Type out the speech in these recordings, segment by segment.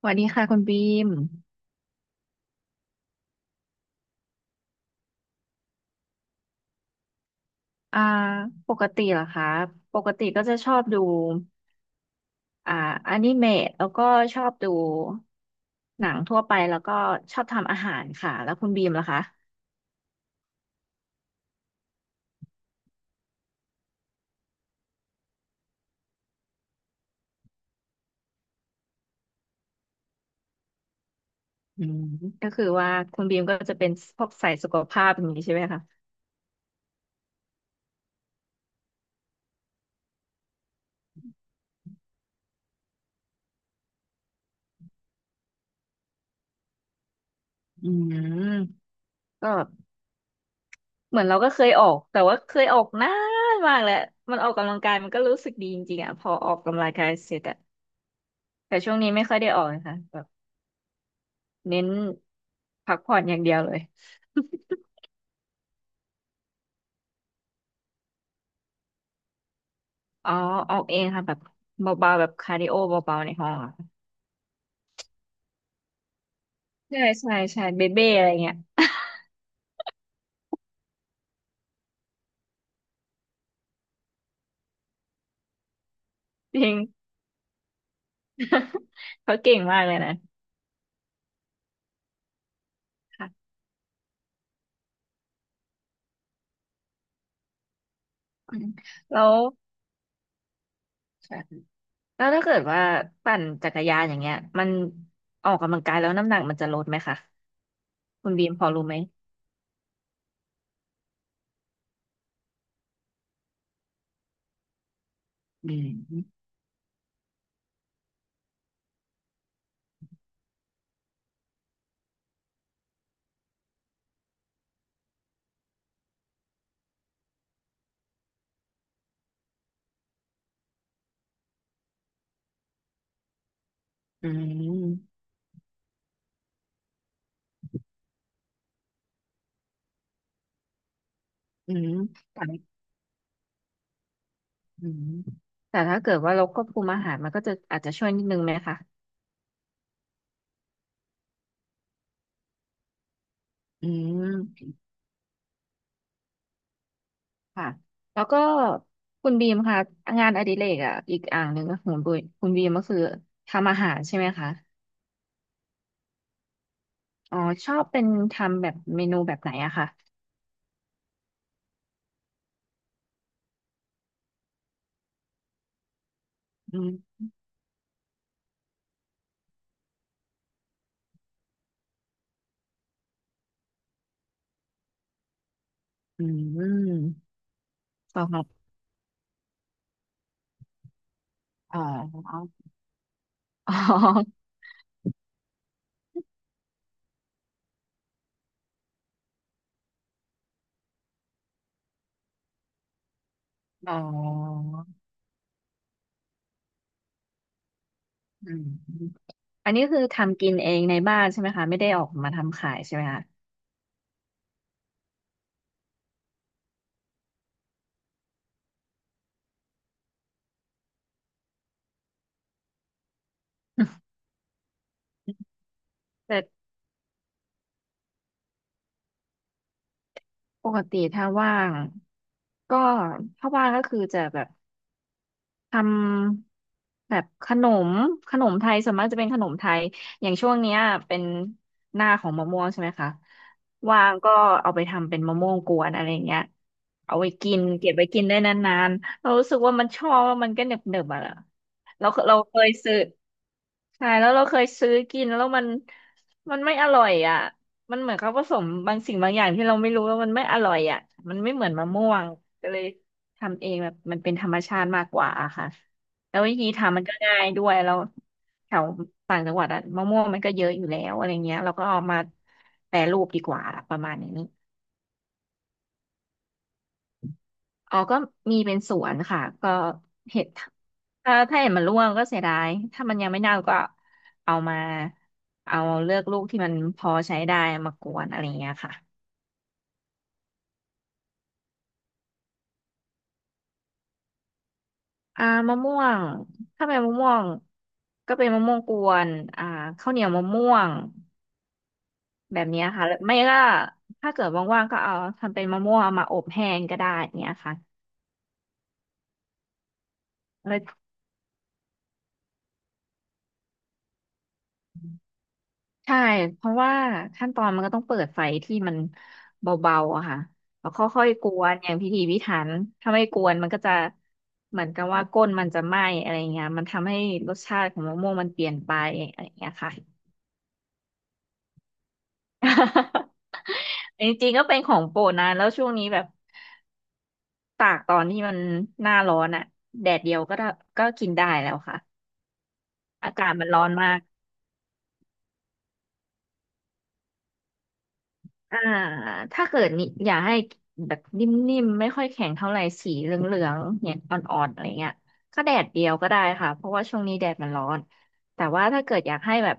สวัสดีค่ะคุณบีมอ่าปกติเหรอคะปกติก็จะชอบดูอ่าอนิเมะแล้วก็ชอบดูหนังทั่วไปแล้วก็ชอบทำอาหารค่ะแล้วคุณบีมล่ะคะอืมก็คือว่าคุณบีมก็จะเป็นพวกสายสุขภาพอย่างนี้ใช่ไหมคะอืมก็เหมือนเราก็เคยออกแต่ว่าเคยออกนานมากแล้วมันออกกำลังกายมันก็รู้สึกดีจริงๆอ่ะพอออกกำลังกายเสร็จอะแต่ช่วงนี้ไม่ค่อยได้ออกนะคะแบบเน้นพักผ่อนอย่างเดียวเลย อ๋อออกเองค่ะแบบเบาๆแบบคาร์ดิโอเบาๆในห้องอะใช่ใช่ใช่เบเบ้อะไรเงี้ยจริง เขาเก่งมากเลยนะค่ะอืมแล้วค่ะแล้วถ้าเกิดว่าปั่นจักรยานอย่างเงี้ยมันออกกำลังกายแล้วน้ำหนักมันจะลดไหมคะคุณบีมพอรู้ไหมอืมอืมอืมแต่อืมแต่ถ้าเกิดว่าเราควบคุมอาหารมันก็จะอาจจะช่วยนิดนึงไหมคะอืม ค่ะแล้วก็คุณบีมค่ะงานอดิเรกอ่ะอีกอ่างหนึ่งก็ของคุณบีคุณบีมก็คือทำอาหารใช่ไหมคะอ๋อชอบเป็นทำแบบเมนูแบบไหนอะค่ะอืมอืมสำหรับอ๋อ อ๋ออ๋ออืมอันนี้คือทำกินเองในบ้านใช่ไหมคะไม่ได้ออกมาทำขายใช่ไหมคะ แต่ปกติถ้าว่างก็ถ้าว่างก็คือจะแบบ ทำแบบขนมขนมไทยส่วนมากจะเป็นขนมไทยอย่างช่วงเนี้ยเป็นหน้าของมะม่วงใช่ไหมคะว่างก็เอาไปทำเป็นมะม่วงกวนอะไรเงี้ยเอาไว้กินเก็บไว้กินได้นานๆเรารู้สึกว่ามันชอบแล้วมันก็เนึบๆอ่ะเราเราเคยซื้อใช่แล้วเราเคยซื้อกินแล้วมันไม่อร่อยอ่ะมันเหมือนเขาผสมบางสิ่งบางอย่างที่เราไม่รู้แล้วมันไม่อร่อยอ่ะมันไม่เหมือนมะม่วงก็เลย ทำเองแบบมันเป็นธรรมชาติมากกว่าอะค่ะแล้ววิธีทำมันก็ง่ายด้วยแล้วแถวต่างจังหวัดอะมะม่วงมันก็เยอะอยู่แล้วอะไรเงี้ยเราก็เอามาแปรรูปดีกว่าประมาณนี้อ๋อก็มีเป็นสวนค่ะก็เห็ดถ้าเห็ดมันร่วงก็เสียดายถ้ามันยังไม่เน่าก็เอามาเอาเลือกลูกที่มันพอใช้ได้มากวนอะไรเงี้ยค่ะมะม่วงถ้าเป็นมะม่วงก็เป็นมะม่วงกวนอ่าข้าวเหนียวมะม่วง แบบเนี้ยค่ะหรือไม่ก็ถ้าเกิดว่างๆก็เอาทำเป็นมะม่วงเอามาอบแห้งก็ได้เนี้ยค่ะแล้วใช่เพราะว่าขั้นตอนมันก็ต้องเปิดไฟที่มันเบาๆอะค่ะแล้วค่อยๆกวนอย่างพิถีพิถันถ้าไม่กวนมันก็จะเหมือนกับว่าก้นมันจะไหม้อะไรเงี้ยมันทำให้รสชาติของมะม่วงมันเปลี่ยนไปอะไรเงี้ยค่ะ จริงๆก็เป็นของโปรดนะแล้วช่วงนี้แบบตากตอนที่มันหน้าร้อนอะแดดเดียวก็ได้ก็กินได้แล้วค่ะ อากาศมันร้อนมากอ่าถ้าเกิดนี่อยากให้แบบนิ่มๆไม่ค่อยแข็งเท่าไหร่สีเหลืองๆเนี่ยอ่อนๆอะไรเงี้ยก็แดดเดียวก็ได้ค่ะเพราะว่าช่วงนี้แดดมันร้อน แต่ว่าถ้าเกิดอยากให้แบบ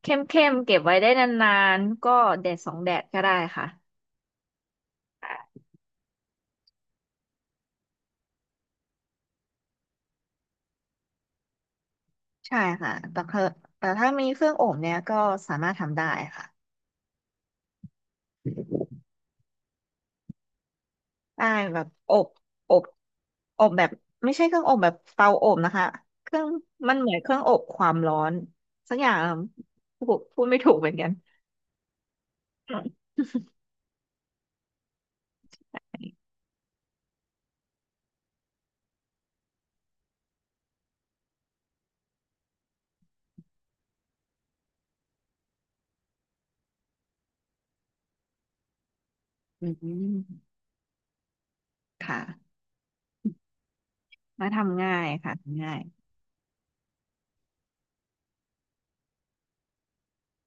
เข้มๆเก็บไว้ได้นานๆก็แดดสองแดดก็ได้ค่ะ ใช่ค่ะ แต่เธอแต่ถ้ามีเครื่องอบเนี่ยก็สามารถทำได้ค่ะ ใช่แบบอบอบอบแบบไม่ใช่เครื่องอบแบบเตาอบนะคะเครื่องมันเหมือนเครื่องอบความร้อนสักอย่างพูดไม่ถูกเหมือนกันอืมค่ะมาทำง่ายค่ะทำง่าย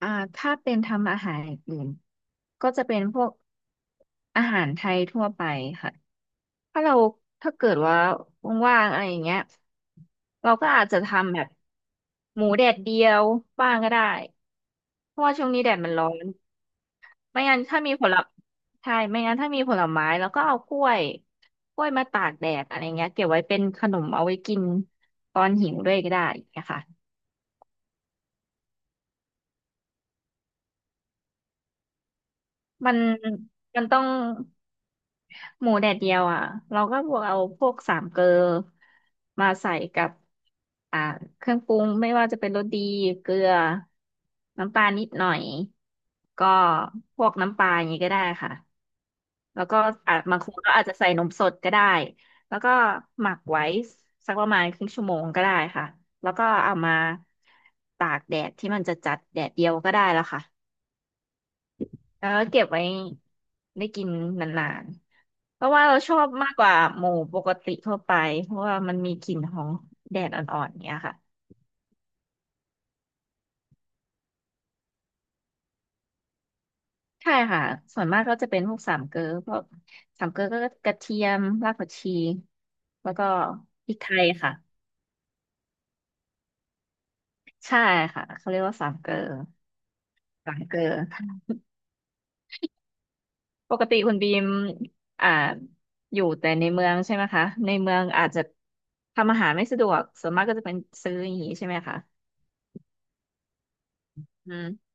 อ่าถ้าเป็นทำอาหารอย่างอื่นก็จะเป็นพวกอาหารไทยทั่วไปค่ะถ้าเราถ้าเกิดว่าว่างๆอะไรอย่างเงี้ยเราก็อาจจะทำแบบหมูแดดเดียวบ้างก็ได้เพราะว่าช่วงนี้แดดมันร้อนไม่งั้นถ้ามีผลใช่ไม่งั้นถ้ามีผลไม้แล้วก็เอากล้วยกล้วยมาตากแดดอะไรเงี้ยเก็บไว้เป็นขนมเอาไว้กินตอนหิวด้วยก็ได้อย่างเงี้ยค่ะมันต้อง หมูแดดเดียวอ่ะเราก็บวกเอาพวกสามเกลอมาใส่กับอ่าเครื่องปรุงไม่ว่าจะเป็นรสดีเกลือน้ำตาลนิดหน่อยก็พวกน้ำปลาอย่างนี้ก็ได้ค่ะแล้วก็อาจบางคนก็อาจจะใส่นมสดก็ได้แล้วก็หมักไว้สักประมาณครึ่งชั่วโมงก็ได้ค่ะแล้วก็เอามาตากแดดที่มันจะจัดแดดเดียวก็ได้แล้วค่ะ แล้วก็เก็บไว้ได้กินนานๆเพราะว่าเราชอบมากกว่าหมูปกติทั่วไปเพราะว่ามันมีกลิ่นของแดดอ่อนๆอย่างเนี้ยค่ะใช่ค่ะส่วนมากก็จะเป็นพวกสามเกลอพวกสามเกลอก็กระเทียมรากผักชีแล้วก็พริกไทยค่ะใช่ค่ะเขาเรียกว่าสามเกลอสามเกลอปกติคุณบีมอ่าอยู่แต่ในเมืองใช่ไหมคะในเมืองอาจจะทำอาหารไม่สะดวกส่วนมากก็จะเป็นซื้ออย่างนี้ใช่ไหมคะอืม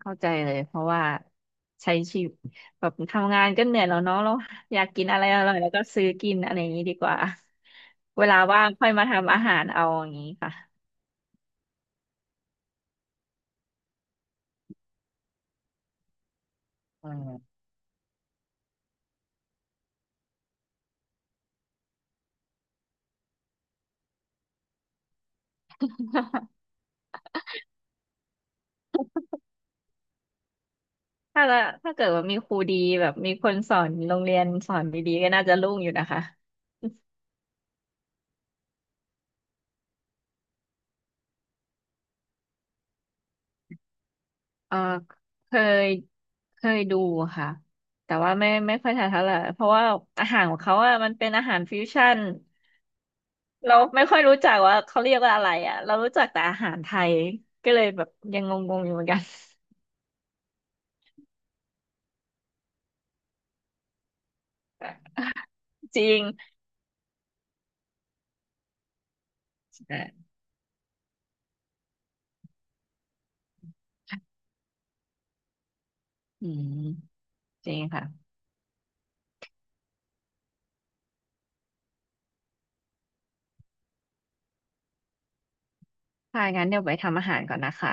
เข้าใจเลยเพราะว่าใช้ชีวิตแบบทำงานก็เหนื่อยแล้วเนาะเราอยากกินอะไรอร่อยแล้วก็ซื้อกินอะไรอย่างนี้ดีกว่าเวลาว่างค่อยมาทำอาหารเอาอย่างนี้ค่ะอืมถ้าละถ้าเกิดว่ามีครูดีแบบมีคนสอนโรงเรียนสอนดีๆก็น่าจะรุ่งอยู่นะคะเออเคยเคยดูค่ะแต่ว่าไม่ค่อยทันเท่าไหร่เพราะว่าอาหารของเขาอะมันเป็นอาหารฟิวชั่น เราไม่ค่อยรู้จักว่าเขาเรียกว่าอะไรอ่ะเรารู้จักแต่อาหารไทยก็เลยแบบยังงงๆอยู่เหมือนกัน จริงเอออืมจริงค่ะถ้างั้นเดี๋ยวไปทำอาหารก่อนนะคะ